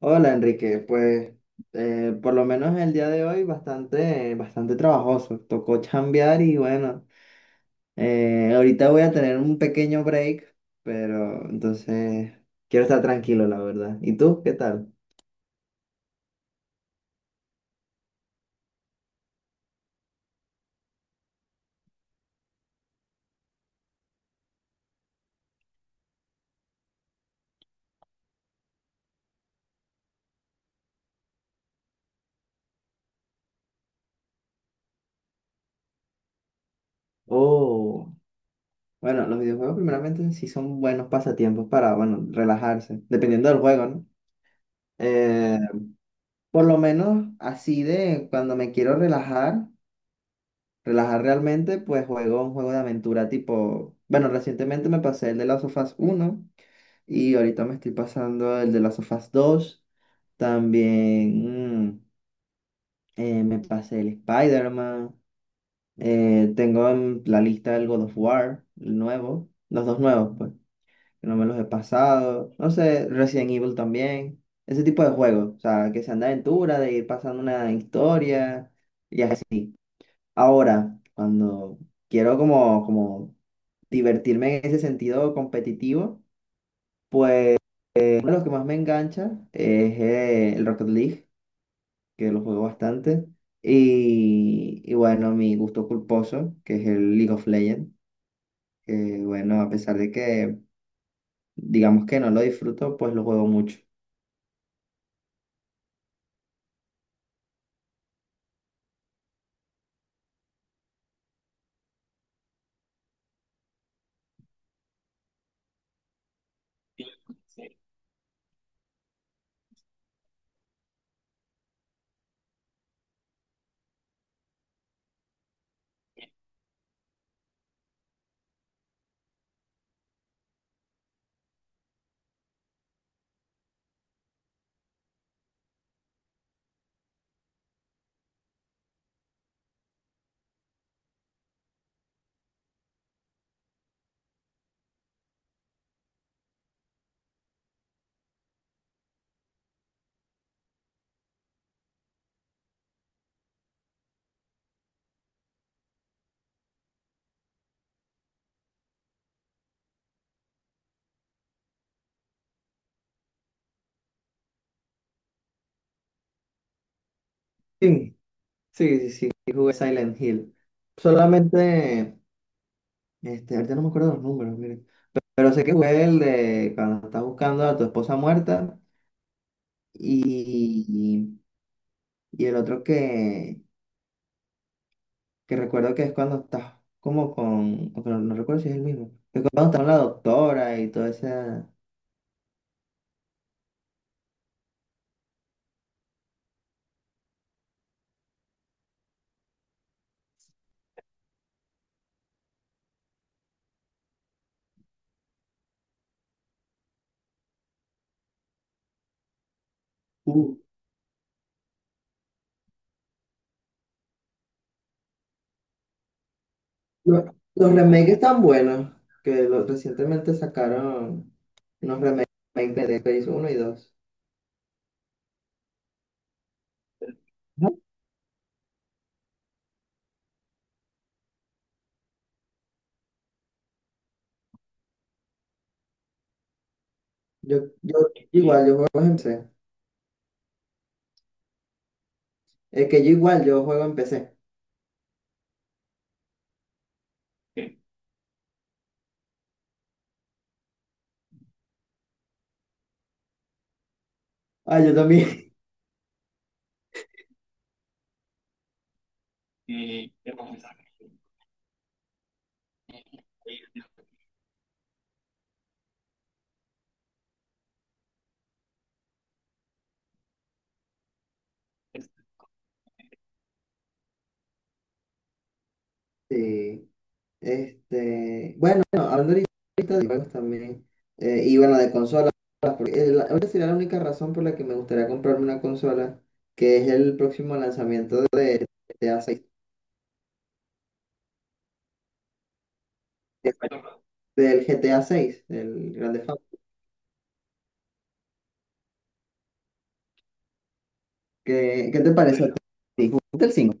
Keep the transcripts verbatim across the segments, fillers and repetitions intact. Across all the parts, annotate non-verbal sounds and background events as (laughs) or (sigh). Hola Enrique. Pues eh, por lo menos el día de hoy bastante, bastante trabajoso. Tocó chambear y bueno, eh, ahorita voy a tener un pequeño break, pero entonces quiero estar tranquilo, la verdad. ¿Y tú qué tal? Oh, bueno, los videojuegos primeramente sí son buenos pasatiempos para, bueno, relajarse, dependiendo del juego, ¿no? Eh, por lo menos así de cuando me quiero relajar. relajar realmente, pues juego un juego de aventura tipo, bueno, recientemente me pasé el de Last of Us uno y ahorita me estoy pasando el de Last of Us dos. También mm, eh, me pasé el Spider-Man. Eh, tengo en la lista el God of War, el nuevo, los dos nuevos, pues, que no me los he pasado. No sé, Resident Evil también. Ese tipo de juegos, o sea, que sean de aventura, de ir pasando una historia. y Ahora, cuando quiero como, como divertirme en ese sentido competitivo, pues uno de los que más me engancha es eh, el Rocket League, que lo juego bastante. Y, y bueno, mi gusto culposo, que es el League of Legends, que bueno, a pesar de que digamos que no lo disfruto, pues lo juego mucho. Sí, sí, sí, sí, y jugué Silent Hill. Solamente, este, ahorita no me acuerdo los números, mira. Pero sé que fue el de cuando estás buscando a tu esposa muerta y, y el otro que, que recuerdo que es cuando estás como con, o que no, no recuerdo si es el mismo, que cuando estás con la doctora y toda esa. Uh, Los, los remakes tan buenos que lo- recientemente sacaron unos remakes de Dead Space uno y dos. Ujú. Yo, yo igual, yo juego en P C. Es que yo igual, yo juego en P C. Ah, yo también. (laughs) Sí. Este, bueno, bueno, hablando ahorita ahorita de juegos también, eh, y bueno, de consolas, porque eh, la- ahorita sería la única razón por la que me gustaría comprarme una consola, que es el próximo lanzamiento de G T A seis del G T A seis, el Grande Theft Auto. ¿Qué, qué te parece a ti? ¿Jugaste el cinco?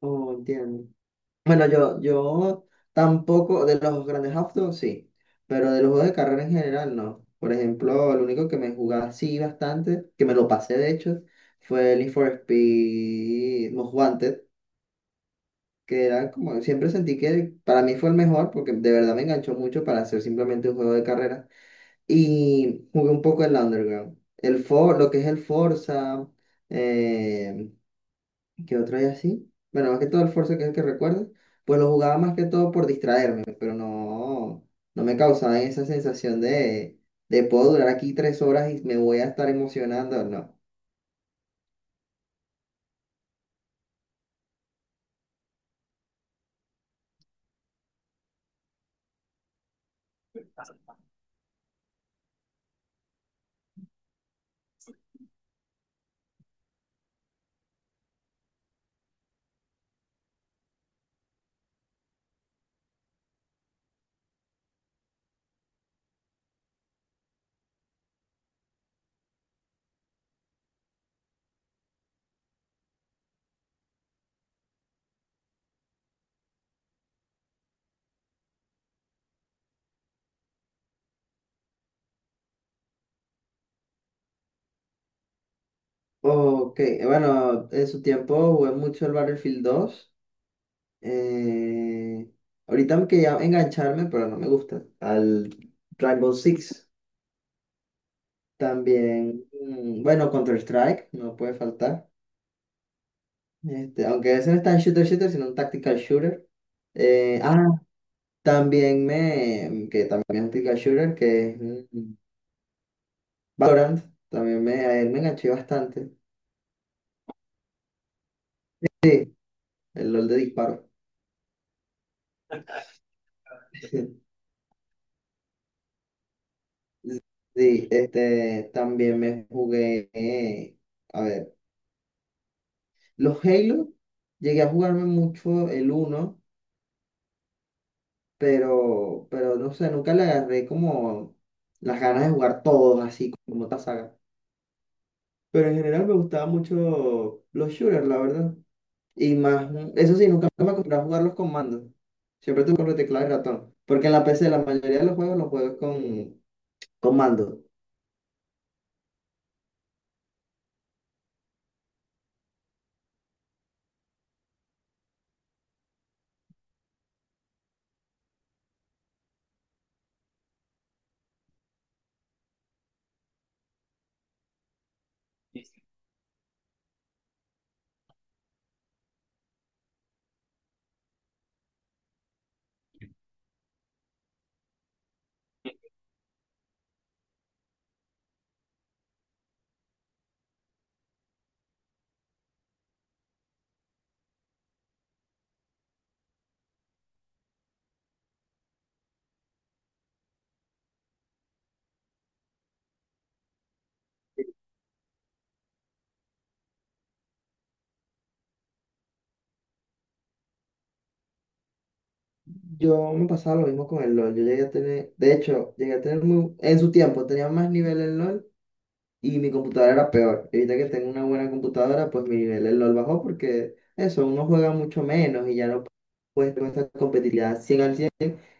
Oh, entiendo. Bueno, yo, yo tampoco, de los grandes autos sí, pero de los juegos de carrera en general no. Por ejemplo, el único que me jugaba así bastante, que me lo pasé de hecho, fue el Need for Speed Most Wanted, que era como, siempre sentí que para mí fue el mejor, porque de verdad me enganchó mucho para hacer simplemente un juego de carrera. Y jugué un poco el Underground. El For, lo que es el Forza, eh, que otro día sí. Bueno, más que todo el Forza, que es el que recuerdo, pues lo jugaba más que todo por distraerme, pero no, no me causaba esa sensación de, de puedo durar aquí tres horas y me voy a estar emocionando, no. Ok, bueno, en su tiempo jugué mucho el Battlefield dos. eh, Ahorita me quería engancharme, pero no me gusta, al Rainbow Six. También, mm, bueno, Counter-Strike, no puede faltar. Este, aunque ese no está en shooter shooter, sino un tactical shooter. Eh, ah, También me, que también es un tactical shooter, que es mm, Valorant, también me, a él me enganché bastante, el LOL de disparo. (laughs) Sí, este, también me jugué, eh, a ver, los Halo, llegué a jugarme mucho el uno, pero, pero no sé, nunca le agarré como las ganas de jugar todos así como esta saga. Pero en general me gustaban mucho los shooters, la verdad. Y más, eso sí, nunca me acostumbré a jugar los comandos. Siempre tuve con teclado y ratón. Porque en la P C la mayoría de los juegos los juego con comando. Yo me pasaba lo mismo con el LOL. Yo llegué a tener, de hecho, llegué a tener muy, en su tiempo tenía más nivel en LOL y mi computadora era peor. Y ahorita que tengo una buena computadora, pues mi nivel en LOL bajó porque eso, uno juega mucho menos y ya no puedes con esta competitividad cien al cien.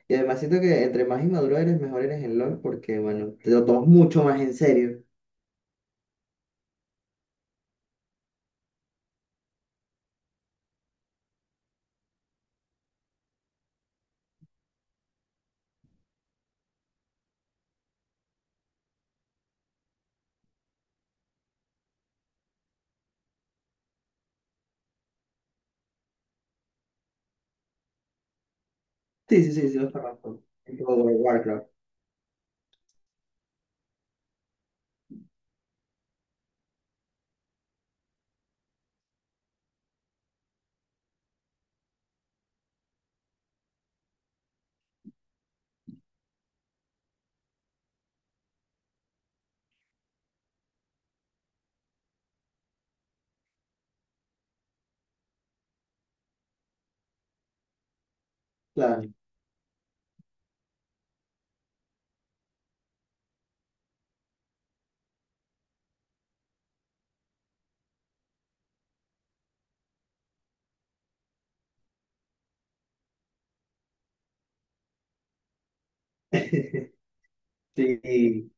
Y además siento que entre más inmaduro eres, mejor eres en LOL porque, bueno, te lo tomas mucho más en serio. Sí, sí, sí, sí, los conozco. El juego de Warcraft, claro. (laughs) Sí,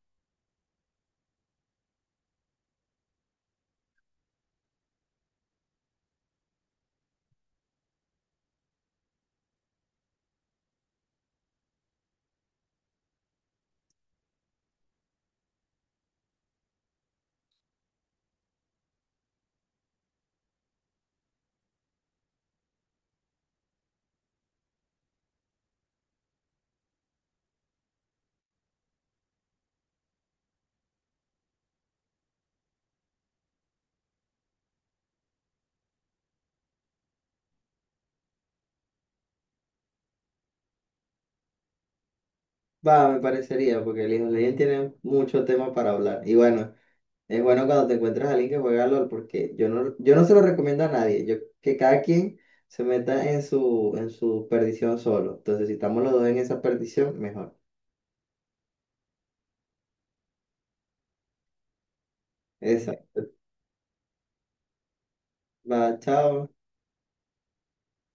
va, me parecería, porque el hijo de Legend tiene mucho tema para hablar. Y bueno, es bueno cuando te encuentras a alguien que juega LOL, porque yo no, yo no se lo recomiendo a nadie. Yo, que cada quien se meta en su, en su perdición solo. Entonces, si estamos los dos en esa perdición, mejor. Exacto. Va, chao.